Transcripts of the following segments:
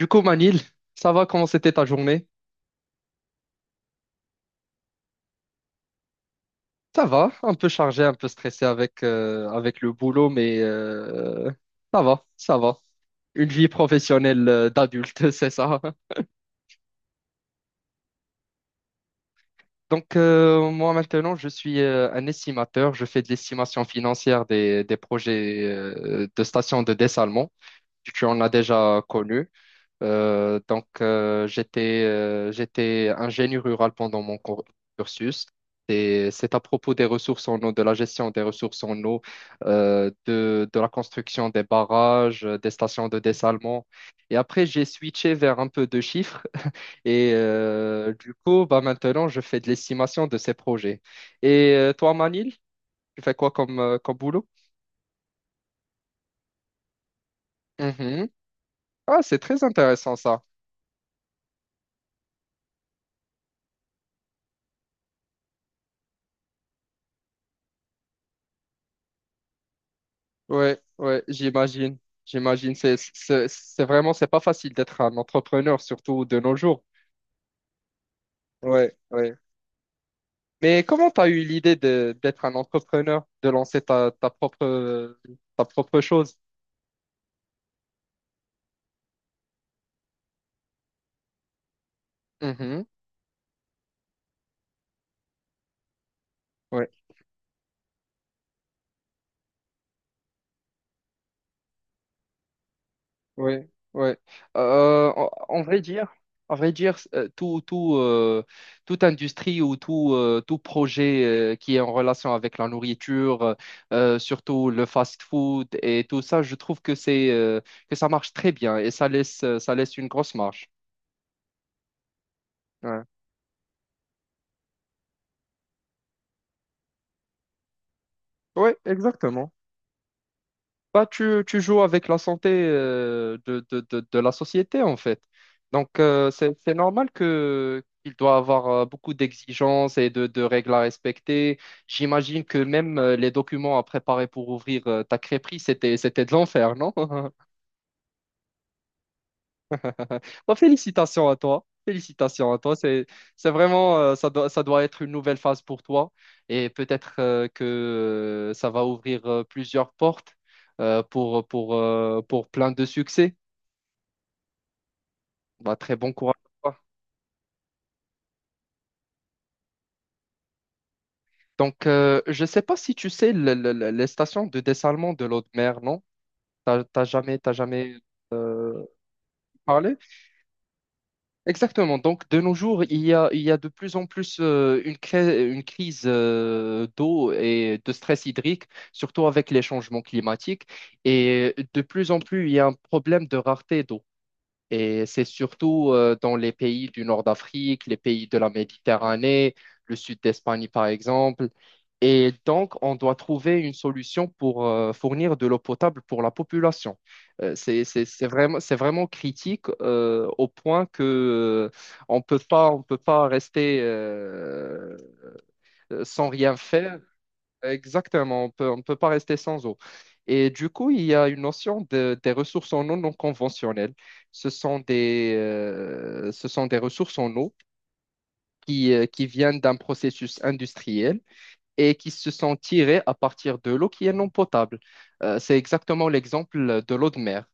Du coup, Manil, ça va? Comment c'était ta journée? Ça va, un peu chargé, un peu stressé avec, avec le boulot, mais ça va, ça va. Une vie professionnelle d'adulte, c'est ça. Donc, moi maintenant, je suis un estimateur. Je fais de l'estimation financière des projets de stations de dessalement. Tu en as déjà connu. J'étais ingénieur rural pendant cursus. Et c'est à propos des ressources en eau, de la gestion des ressources en eau, de la construction des barrages, des stations de dessalement. Et après, j'ai switché vers un peu de chiffres. Et du coup, bah, maintenant, je fais de l'estimation de ces projets. Et toi, Manil, tu fais quoi comme, comme boulot? Mhm. Ah, c'est très intéressant ça. Ouais, ouais, j'imagine. J'imagine. C'est vraiment, c'est pas facile d'être un entrepreneur, surtout de nos jours. Ouais, ouais. Mais comment t'as eu l'idée d'être un entrepreneur, de lancer ta propre chose? Mhm. Ouais, ouais. En, en vrai dire, toute industrie ou tout, tout projet qui est en relation avec la nourriture, surtout le fast-food et tout ça, je trouve que c'est que ça marche très bien et ça laisse une grosse marge. Ouais, ouais, exactement. Bah, tu joues avec la santé de la société, en fait. Donc, c'est normal que qu'il doit avoir beaucoup d'exigences et de règles à respecter. J'imagine que même les documents à préparer pour ouvrir ta crêperie, c'était de l'enfer, non? Bah, félicitations à toi. Félicitations à toi. C'est vraiment, ça doit être une nouvelle phase pour toi. Et peut-être que ça va ouvrir plusieurs portes pour plein de succès. Bah, très bon courage à toi. Donc, je ne sais pas si tu sais les stations de dessalement de l'eau de mer, non? T'as jamais euh, parlé? Exactement. Donc, de nos jours, il y a de plus en plus une crise d'eau et de stress hydrique, surtout avec les changements climatiques. Et de plus en plus, il y a un problème de rareté d'eau. Et c'est surtout dans les pays du nord d'Afrique, les pays de la Méditerranée, le sud d'Espagne par exemple. Et donc, on doit trouver une solution pour fournir de l'eau potable pour la population. C'est vraiment critique au point que euh, on peut pas rester sans rien faire. Exactement, on ne peut pas rester sans eau. Et du coup, il y a une notion des ressources en eau non conventionnelles. Ce sont des ressources en eau qui viennent d'un processus industriel et qui se sont tirées à partir de l'eau qui est non potable. C'est exactement l'exemple de l'eau de mer.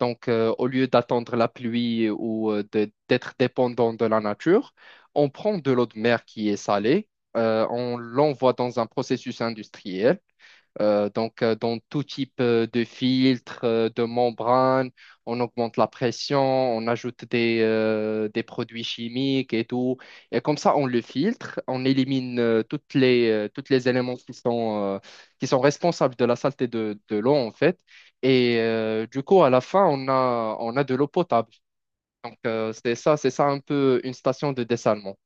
Donc, au lieu d'attendre la pluie ou d'être dépendant de la nature, on prend de l'eau de mer qui est salée, on l'envoie dans un processus industriel dans tout type de filtre, de membrane, on augmente la pression, on ajoute des produits chimiques et tout. Et comme ça, on le filtre, on élimine toutes les éléments qui sont responsables de la saleté de l'eau, en fait. Et du coup, à la fin, on a de l'eau potable. Donc, c'est ça un peu une station de dessalement.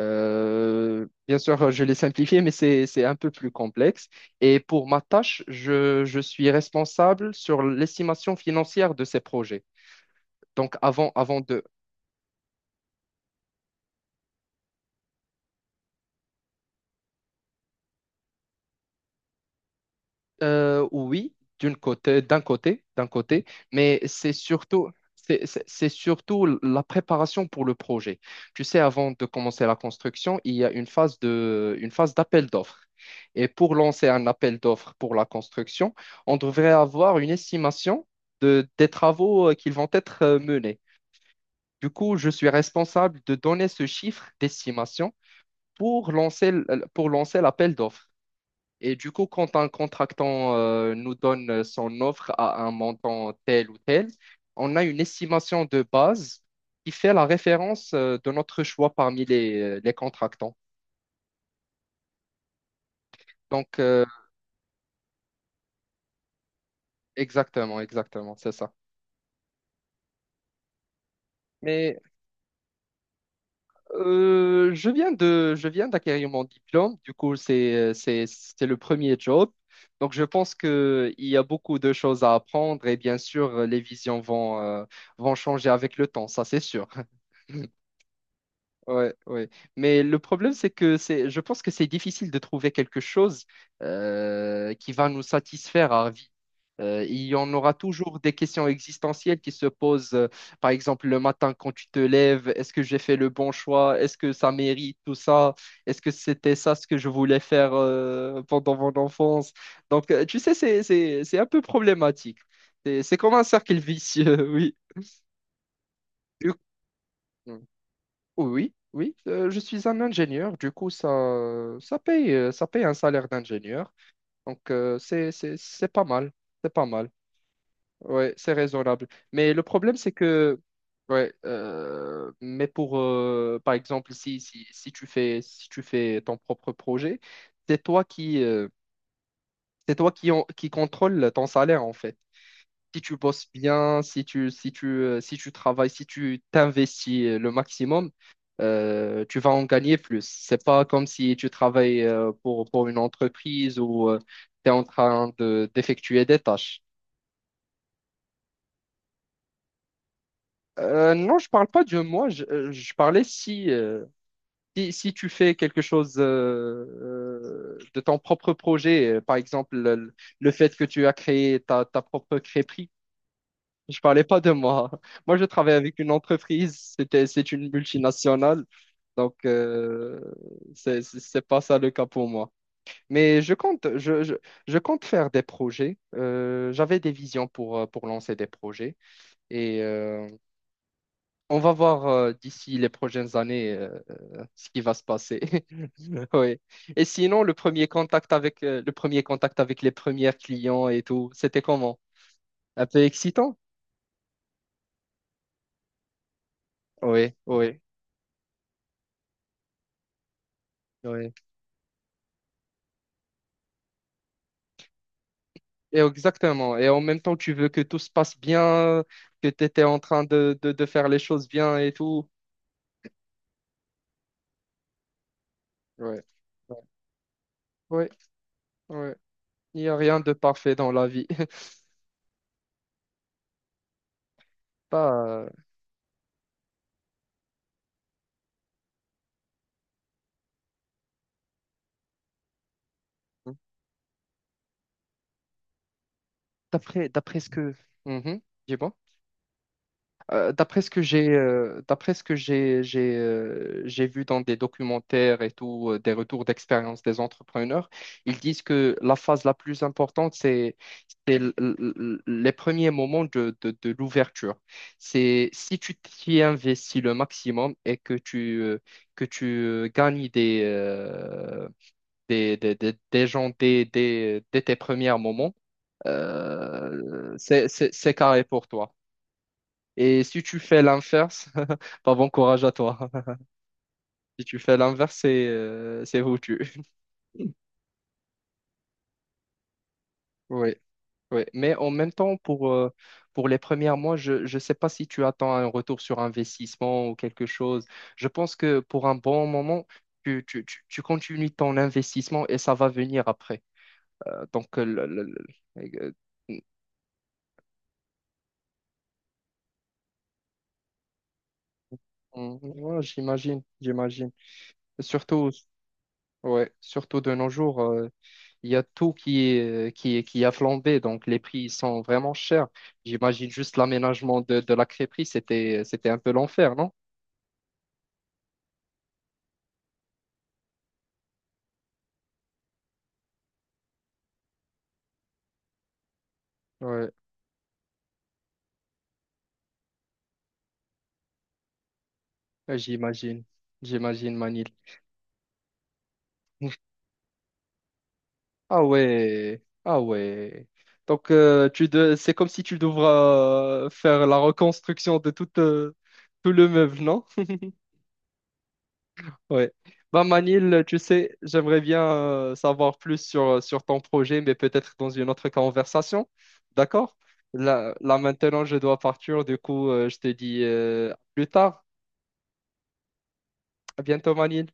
Bien sûr, je l'ai simplifié, mais c'est un peu plus complexe. Et pour ma tâche, je suis responsable sur l'estimation financière de ces projets. Donc, avant, avant de, oui, d'une côté, d'un côté, mais c'est surtout, c'est surtout la préparation pour le projet. Tu sais, avant de commencer la construction, il y a une phase d'appel d'offres. Et pour lancer un appel d'offres pour la construction, on devrait avoir une estimation des travaux qui vont être menés. Du coup, je suis responsable de donner ce chiffre d'estimation pour pour lancer l'appel d'offres. Et du coup, quand un contractant nous donne son offre à un montant tel ou tel, on a une estimation de base qui fait la référence de notre choix parmi les contractants. Donc, exactement, exactement, c'est ça. Mais je viens d'acquérir mon diplôme. Du coup, c'est le premier job. Donc, je pense qu'il y a beaucoup de choses à apprendre et bien sûr, vont changer avec le temps, ça c'est sûr. Ouais, ouais. Mais le problème, je pense que c'est difficile de trouver quelque chose qui va nous satisfaire à vie. Il y en aura toujours des questions existentielles qui se posent, par exemple le matin quand tu te lèves, est-ce que j'ai fait le bon choix? Est-ce que ça mérite tout ça? Est-ce que c'était ça ce que je voulais faire pendant mon enfance? Donc, tu sais, c'est un peu problématique. C'est comme un cercle vicieux. Oui. Oui, oui, je suis un ingénieur, du coup ça, ça paye un salaire d'ingénieur, donc c'est pas mal, ouais, c'est raisonnable. Mais le problème c'est que, ouais, mais pour, par exemple, si tu fais, si tu fais ton propre projet, c'est toi qui, euh, c'est toi qui, qui contrôle ton salaire en fait. Si tu bosses bien, si tu travailles, si tu t'investis le maximum, tu vas en gagner plus. C'est pas comme si tu travailles pour une entreprise ou tu es en train de, d'effectuer des tâches. Non, je parle pas de moi, je parlais si, si tu fais quelque chose de ton propre projet, par exemple le fait que tu as créé ta propre crêperie. Je parlais pas de moi. Moi, je travaille avec une entreprise. C'était, c'est une multinationale. Donc, c'est pas ça le cas pour moi. Mais je compte faire des projets. J'avais des visions pour lancer des projets. Et on va voir d'ici les prochaines années ce qui va se passer. Oui. Et sinon, le premier contact avec les premiers clients et tout, c'était comment? Un peu excitant? Oui, oui. Oui. Et exactement. Et en même temps, tu veux que tout se passe bien, que tu étais en train de faire les choses bien et tout. Ouais, ouais. Ouais. Il n'y a rien de parfait dans la vie. Pas, d'après, d'après ce que... Mhm. Dis-moi. D'après ce que j'ai vu dans des documentaires et tout, des retours d'expérience des entrepreneurs, ils disent que la phase la plus importante, les premiers moments de l'ouverture. C'est si tu t'y investis le maximum et que tu gagnes des gens dès tes premiers moments, c'est carré pour toi. Et si tu fais l'inverse, pas bon courage à toi. Si tu fais l'inverse, c'est foutu. Oui, oui. Mais en même temps, pour les premiers mois, je ne sais pas si tu attends un retour sur investissement ou quelque chose. Je pense que pour un bon moment, tu continues ton investissement et ça va venir après. Euh, donc, euh, le- le- le- euh, mm, ouais, j'imagine, j'imagine. Surtout, ouais, surtout de nos jours. Il y a tout qui est, qui a flambé, donc les prix ils sont vraiment chers. J'imagine juste l'aménagement de la crêperie, c'était un peu l'enfer, non? Ouais, j'imagine, j'imagine Manil. Ah ouais, ah ouais. Donc tu de... c'est comme si tu devras faire la reconstruction de tout, tout le meuble, non? Ouais. Bah Manil, tu sais, j'aimerais bien savoir plus sur, sur ton projet, mais peut-être dans une autre conversation. D'accord? Là, là maintenant, je dois partir. Du coup, je te dis à plus tard. À bientôt, Manil.